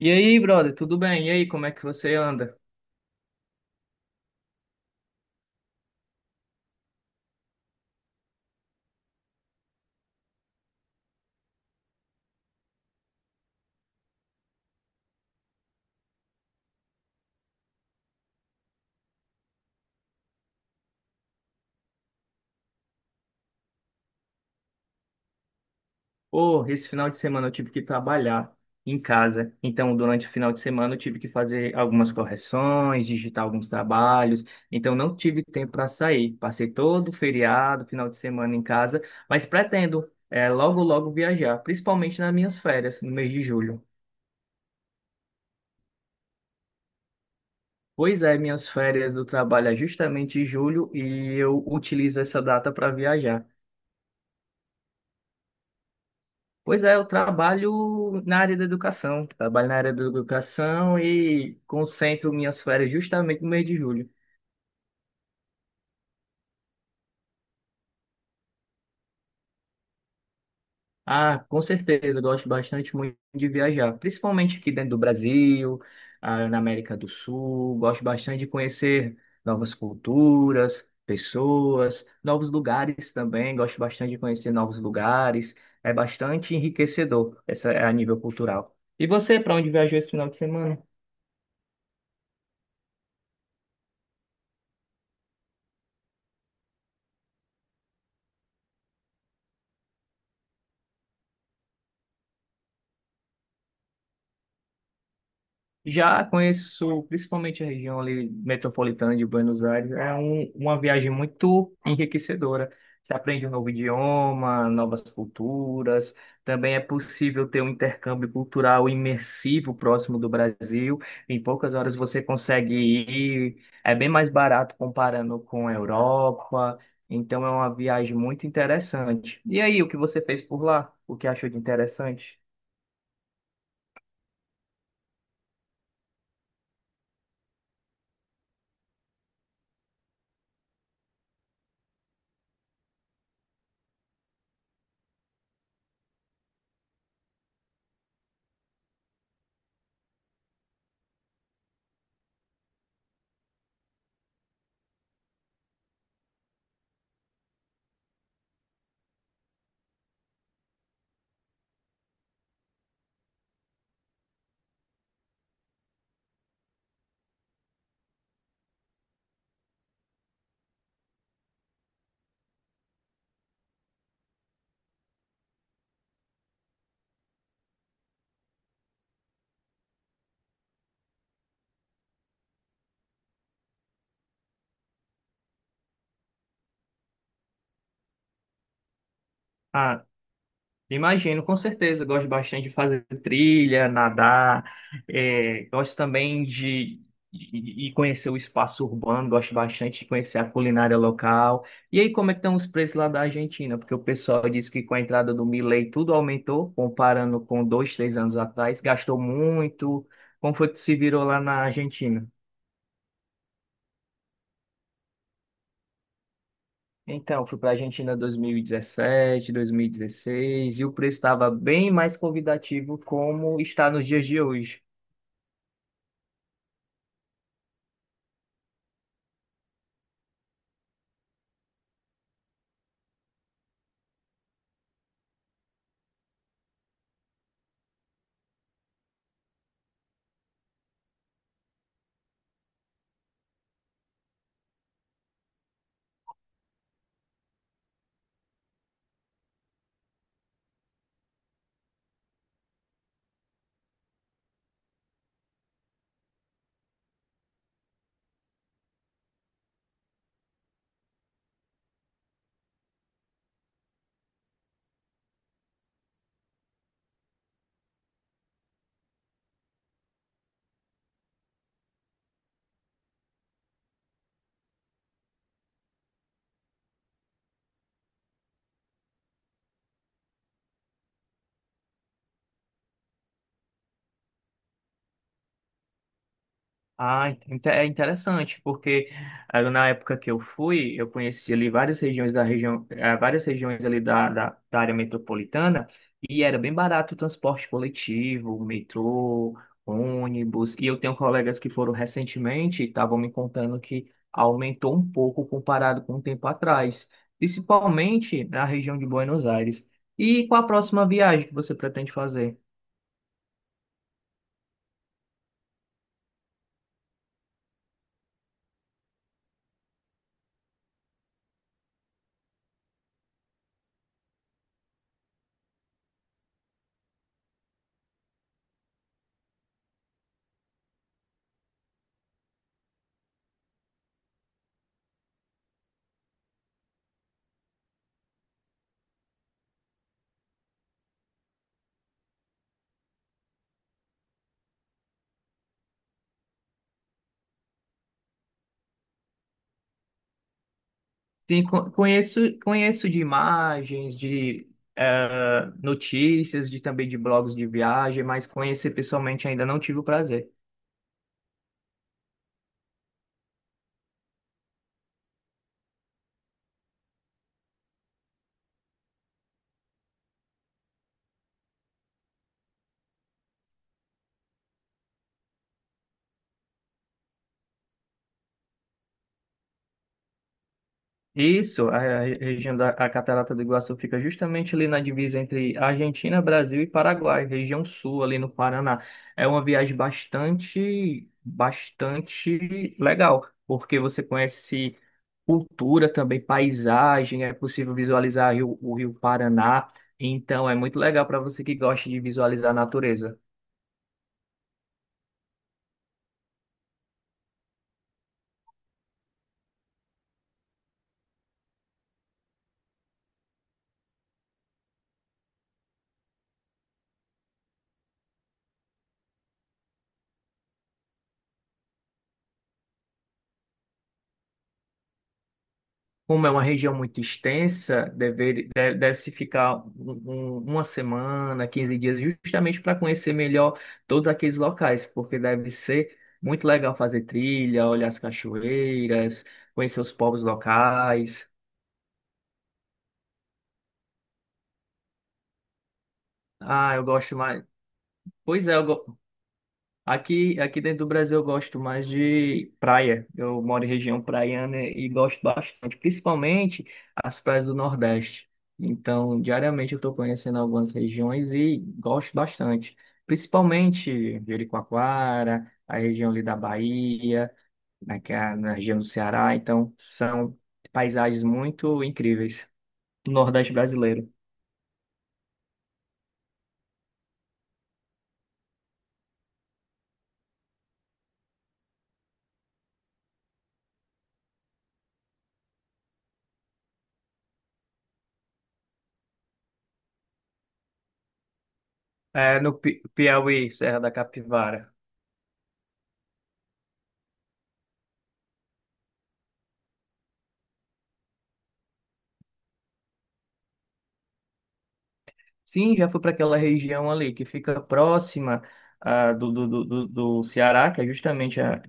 E aí, brother, tudo bem? E aí, como é que você anda? Pô, esse final de semana eu tive que trabalhar em casa. Então, durante o final de semana eu tive que fazer algumas correções, digitar alguns trabalhos. Então, não tive tempo para sair. Passei todo o feriado, final de semana em casa, mas pretendo logo, logo viajar, principalmente nas minhas férias, no mês de julho. Pois é, minhas férias do trabalho é justamente em julho e eu utilizo essa data para viajar. Pois é, eu trabalho na área da educação. Trabalho na área da educação e concentro minhas férias justamente no mês de julho. Ah, com certeza, eu gosto bastante muito de viajar, principalmente aqui dentro do Brasil, na América do Sul. Gosto bastante de conhecer novas culturas, pessoas, novos lugares também. Gosto bastante de conhecer novos lugares. É bastante enriquecedor essa, a nível cultural. E você, para onde viajou esse final de semana? Já conheço principalmente a região ali metropolitana de Buenos Aires. Uma viagem muito enriquecedora. Você aprende um novo idioma, novas culturas. Também é possível ter um intercâmbio cultural imersivo próximo do Brasil. Em poucas horas você consegue ir. É bem mais barato comparando com a Europa. Então é uma viagem muito interessante. E aí, o que você fez por lá? O que achou de interessante? Ah, imagino, com certeza. Eu gosto bastante de fazer trilha, nadar. Gosto também de conhecer o espaço urbano. Gosto bastante de conhecer a culinária local. E aí, como é que estão os preços lá da Argentina? Porque o pessoal disse que com a entrada do Milei tudo aumentou, comparando com dois, três anos atrás. Gastou muito. Como foi que se virou lá na Argentina? Então, fui para a Argentina em 2017, 2016. E o preço estava bem mais convidativo como está nos dias de hoje. Ah, é interessante, porque na época que eu fui, eu conheci ali várias regiões da região, várias regiões ali da área metropolitana, e era bem barato o transporte coletivo, metrô, ônibus, e eu tenho colegas que foram recentemente e estavam me contando que aumentou um pouco comparado com um tempo atrás, principalmente na região de Buenos Aires. E qual a próxima viagem que você pretende fazer? Sim, conheço, conheço de imagens, de notícias, de também de blogs de viagem, mas conhecer pessoalmente ainda não tive o prazer. Isso, a região da a Catarata do Iguaçu fica justamente ali na divisa entre Argentina, Brasil e Paraguai, região sul, ali no Paraná. É uma viagem bastante, bastante legal, porque você conhece cultura também, paisagem, é possível visualizar o Rio Paraná, então é muito legal para você que gosta de visualizar a natureza. Como é uma região muito extensa, deve-se ficar uma semana, 15 dias, justamente para conhecer melhor todos aqueles locais, porque deve ser muito legal fazer trilha, olhar as cachoeiras, conhecer os povos locais. Ah, eu gosto mais. Pois é, aqui dentro do Brasil eu gosto mais de praia. Eu moro em região praiana e gosto bastante, principalmente as praias do Nordeste. Então, diariamente eu estou conhecendo algumas regiões e gosto bastante. Principalmente Jericoacoara, a região ali da Bahia, na, que é na região do Ceará. Então, são paisagens muito incríveis do Nordeste brasileiro. É, no Piauí, Serra da Capivara. Sim, já fui para aquela região ali que fica próxima do Ceará, que é justamente a,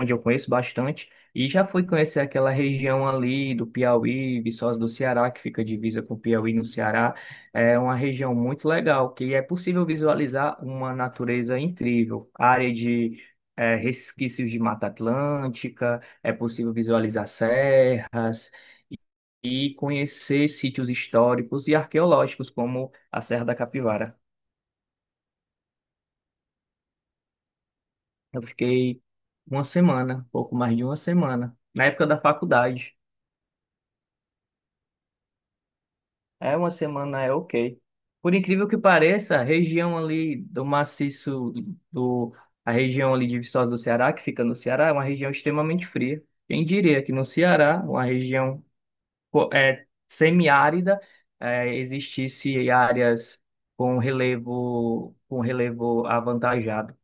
onde eu conheço bastante, e já fui conhecer aquela região ali do Piauí, Viçosa do Ceará, que fica divisa com o Piauí no Ceará. É uma região muito legal, que é possível visualizar uma natureza incrível, área de resquícios de Mata Atlântica, é possível visualizar serras e conhecer sítios históricos e arqueológicos, como a Serra da Capivara. Eu fiquei uma semana, pouco mais de uma semana, na época da faculdade. É, uma semana é ok. Por incrível que pareça, do a região ali de Viçosa do Ceará, que fica no Ceará, é uma região extremamente fria. Quem diria que no Ceará, uma região semiárida, existisse áreas com relevo avantajado.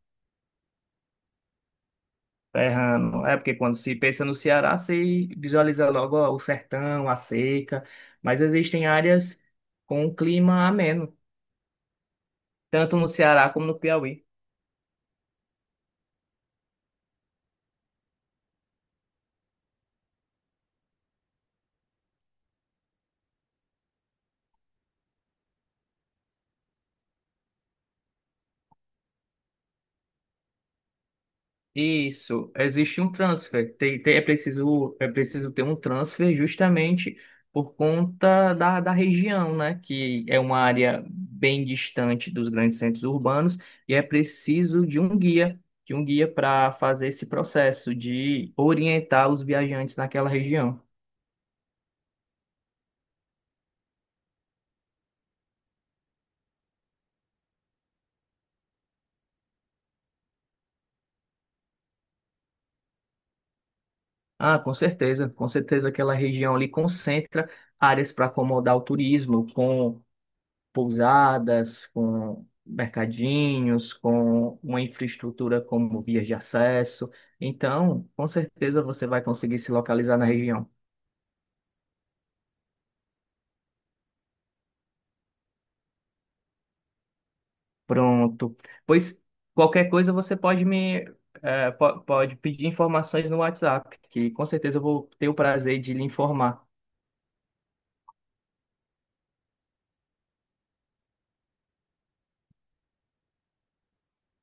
Tá errando. É porque quando se pensa no Ceará, se visualiza logo ó, o sertão, a seca, mas existem áreas com um clima ameno, tanto no Ceará como no Piauí. Isso, existe um transfer. É preciso, é preciso ter um transfer justamente por conta da região, né? Que é uma área bem distante dos grandes centros urbanos e é preciso de um guia para fazer esse processo de orientar os viajantes naquela região. Ah, com certeza aquela região ali concentra áreas para acomodar o turismo, com pousadas, com mercadinhos, com uma infraestrutura como vias de acesso. Então, com certeza você vai conseguir se localizar na região. Pronto. Pois qualquer coisa você pode me pode pedir informações no WhatsApp, que com certeza eu vou ter o prazer de lhe informar.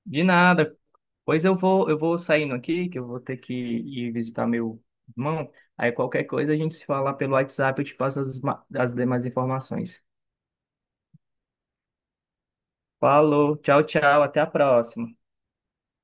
De nada. Pois eu vou saindo aqui, que eu vou ter que ir visitar meu irmão. Aí qualquer coisa a gente se fala pelo WhatsApp, eu te passo as demais informações. Falou, tchau, tchau, até a próxima.